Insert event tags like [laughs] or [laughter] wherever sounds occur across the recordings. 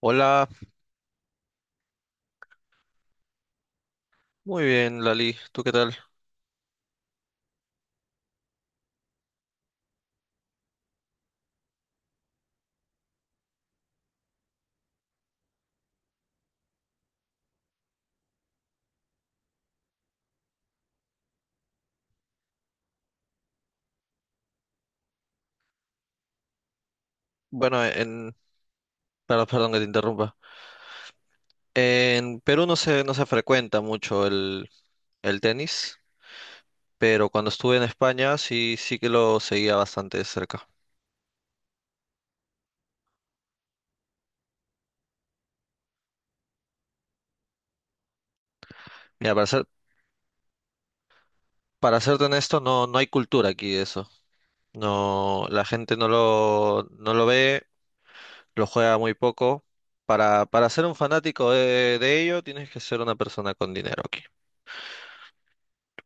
Hola, muy bien, Lali. ¿Tú qué tal? Bueno, en, perdón, que te interrumpa. En Perú no se frecuenta mucho el tenis, pero cuando estuve en España sí, sí que lo seguía bastante de cerca. Mira, para serte honesto, no, no hay cultura aquí de eso. No, la gente no lo ve, lo juega muy poco. Para ser un fanático de ello, tienes que ser una persona con dinero aquí,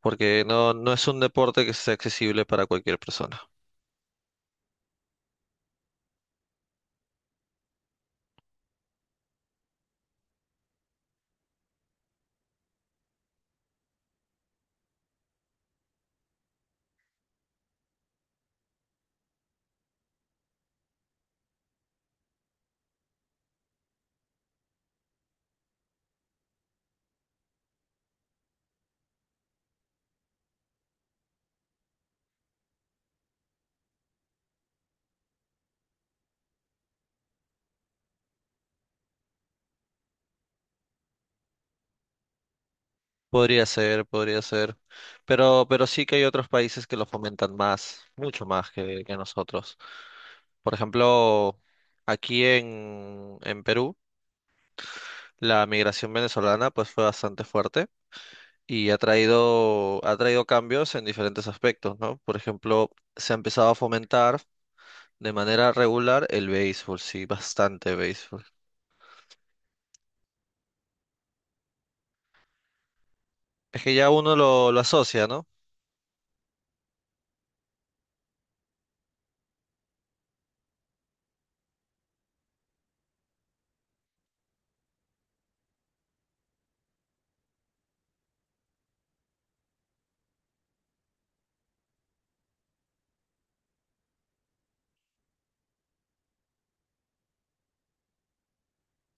porque no, no es un deporte que sea accesible para cualquier persona. Podría ser, podría ser. Pero sí que hay otros países que lo fomentan más, mucho más que nosotros. Por ejemplo, en Perú, la migración venezolana pues fue bastante fuerte y ha traído cambios en diferentes aspectos, ¿no? Por ejemplo, se ha empezado a fomentar de manera regular el béisbol, sí, bastante béisbol. Es que ya uno lo asocia, ¿no?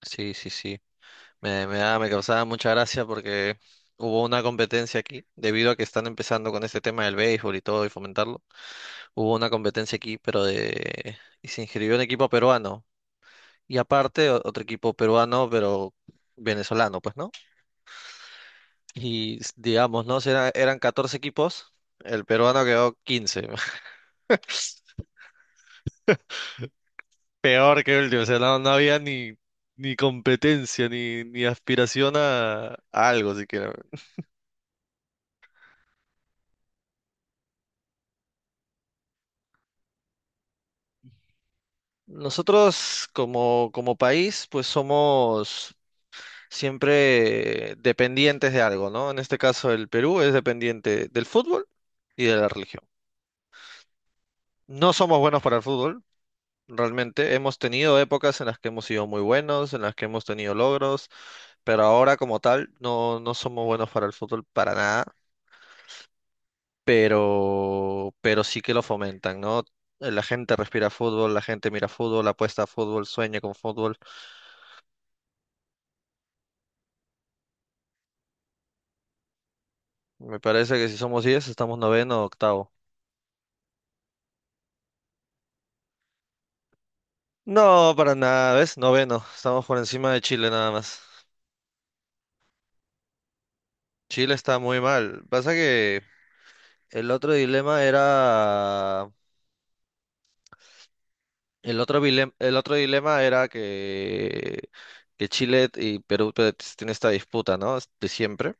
Sí, sí, sí. Me causaba mucha gracia porque hubo una competencia aquí, debido a que están empezando con este tema del béisbol y todo y fomentarlo. Hubo una competencia aquí, pero de... y se inscribió un equipo peruano. Y aparte otro equipo peruano, pero venezolano, pues, ¿no? Y digamos, ¿no? Eran 14 equipos, el peruano quedó 15. [laughs] Peor que el último, o sea, no, no había ni, ni competencia, ni, ni aspiración a algo siquiera. Nosotros como país, pues somos siempre dependientes de algo, ¿no? En este caso el Perú es dependiente del fútbol y de la religión. No somos buenos para el fútbol, realmente. Hemos tenido épocas en las que hemos sido muy buenos, en las que hemos tenido logros, pero ahora como tal no, no somos buenos para el fútbol para nada, pero sí que lo fomentan, ¿no? La gente respira fútbol, la gente mira fútbol, apuesta a fútbol, sueña con fútbol. Me parece que si somos 10 estamos noveno o octavo. No, para nada, ¿ves? Noveno. Estamos por encima de Chile nada más. Chile está muy mal. Pasa que el otro dilema era... el otro dilema era que Chile y Perú pues, tienen esta disputa, ¿no? De siempre.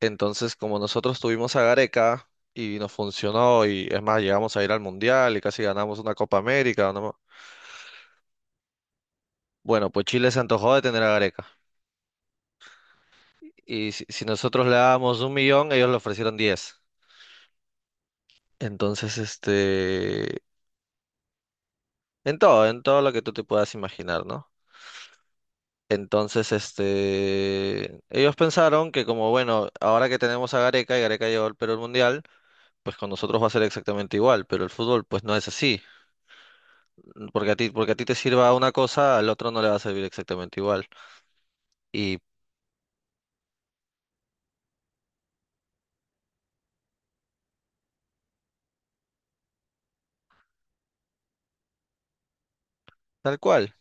Entonces, como nosotros tuvimos a Gareca y nos funcionó, y es más, llegamos a ir al Mundial y casi ganamos una Copa América, ¿no? Bueno, pues Chile se antojó de tener a Gareca. Y si nosotros le dábamos 1.000.000, ellos le ofrecieron 10. Entonces, este, en todo lo que tú te puedas imaginar, ¿no? Entonces, este, ellos pensaron que como, bueno, ahora que tenemos a Gareca y Gareca llevó al Perú al Mundial, pues con nosotros va a ser exactamente igual, pero el fútbol pues no es así. Porque a ti te sirva una cosa, al otro no le va a servir exactamente igual. Y tal cual.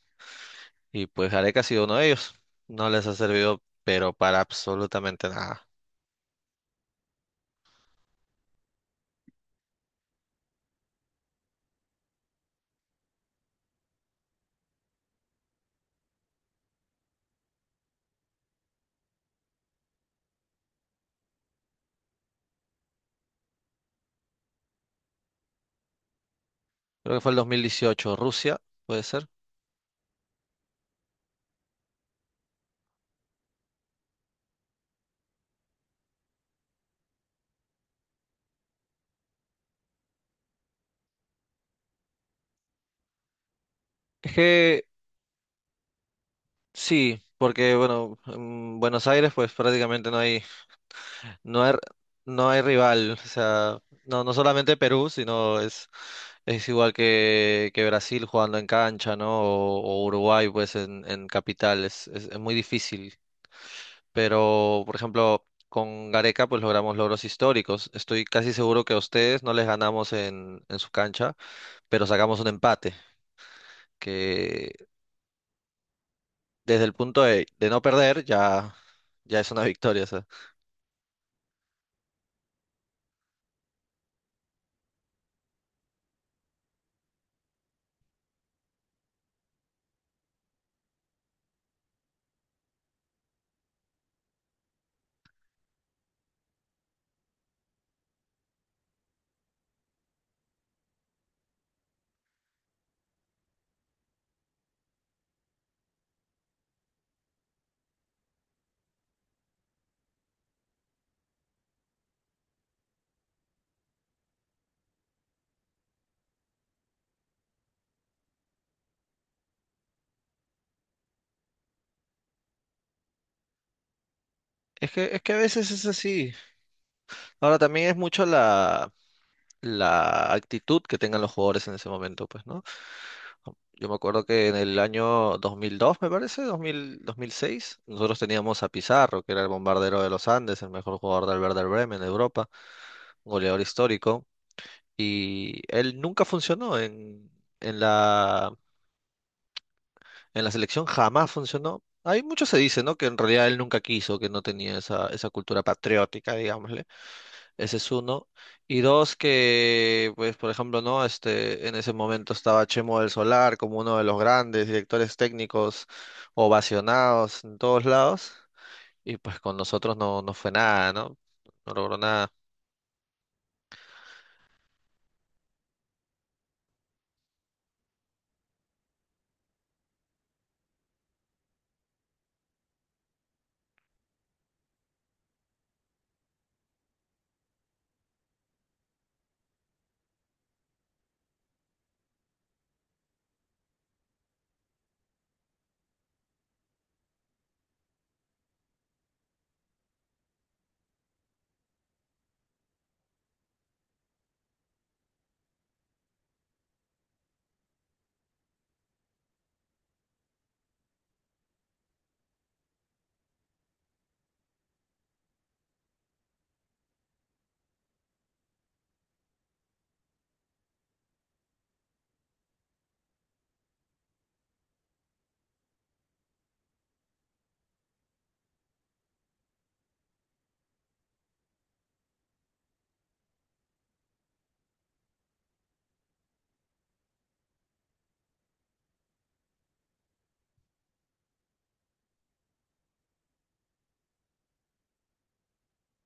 Y pues Gareca ha sido uno de ellos. No les ha servido, pero para absolutamente nada. Creo que fue el 2018, Rusia, puede ser. Es que sí, porque bueno, en Buenos Aires pues prácticamente no hay, no hay, no hay rival. O sea, no, no solamente Perú, sino es igual que Brasil jugando en cancha, ¿no? O Uruguay pues en capital. Es muy difícil. Pero, por ejemplo, con Gareca pues logramos logros históricos. Estoy casi seguro que a ustedes no les ganamos en su cancha, pero sacamos un empate, que desde el punto de no perder, ya, ya es una victoria, o sea. Es que a veces es así. Ahora también es mucho la actitud que tengan los jugadores en ese momento, pues, ¿no? Yo me acuerdo que en el año 2002 me parece, 2006 nosotros teníamos a Pizarro, que era el bombardero de los Andes, el mejor jugador del Werder Bremen de Europa, un goleador histórico, y él nunca funcionó en la... En la selección jamás funcionó. Hay mucho se dice, ¿no? Que en realidad él nunca quiso, que no tenía esa, esa cultura patriótica, digámosle. Ese es uno. Y dos, que, pues, por ejemplo, ¿no? Este, en ese momento estaba Chemo del Solar como uno de los grandes directores técnicos ovacionados en todos lados. Y pues con nosotros no, no fue nada, ¿no? No logró nada.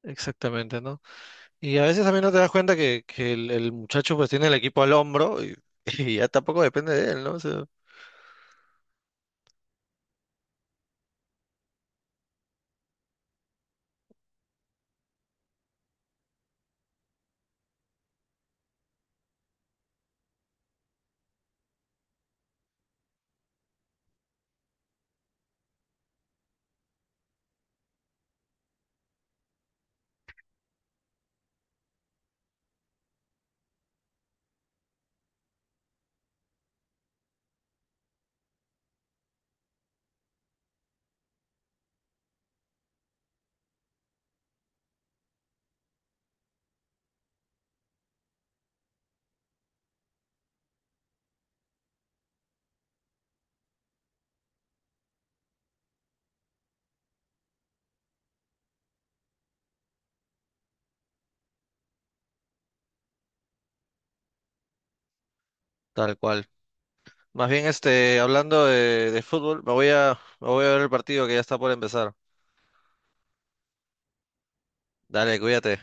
Exactamente, ¿no? Y a veces también no te das cuenta que el muchacho pues tiene el equipo al hombro y, [laughs] y ya tampoco depende de él, ¿no? O sea, tal cual. Más bien, este, hablando de fútbol, me voy a ver el partido que ya está por empezar. Dale, cuídate.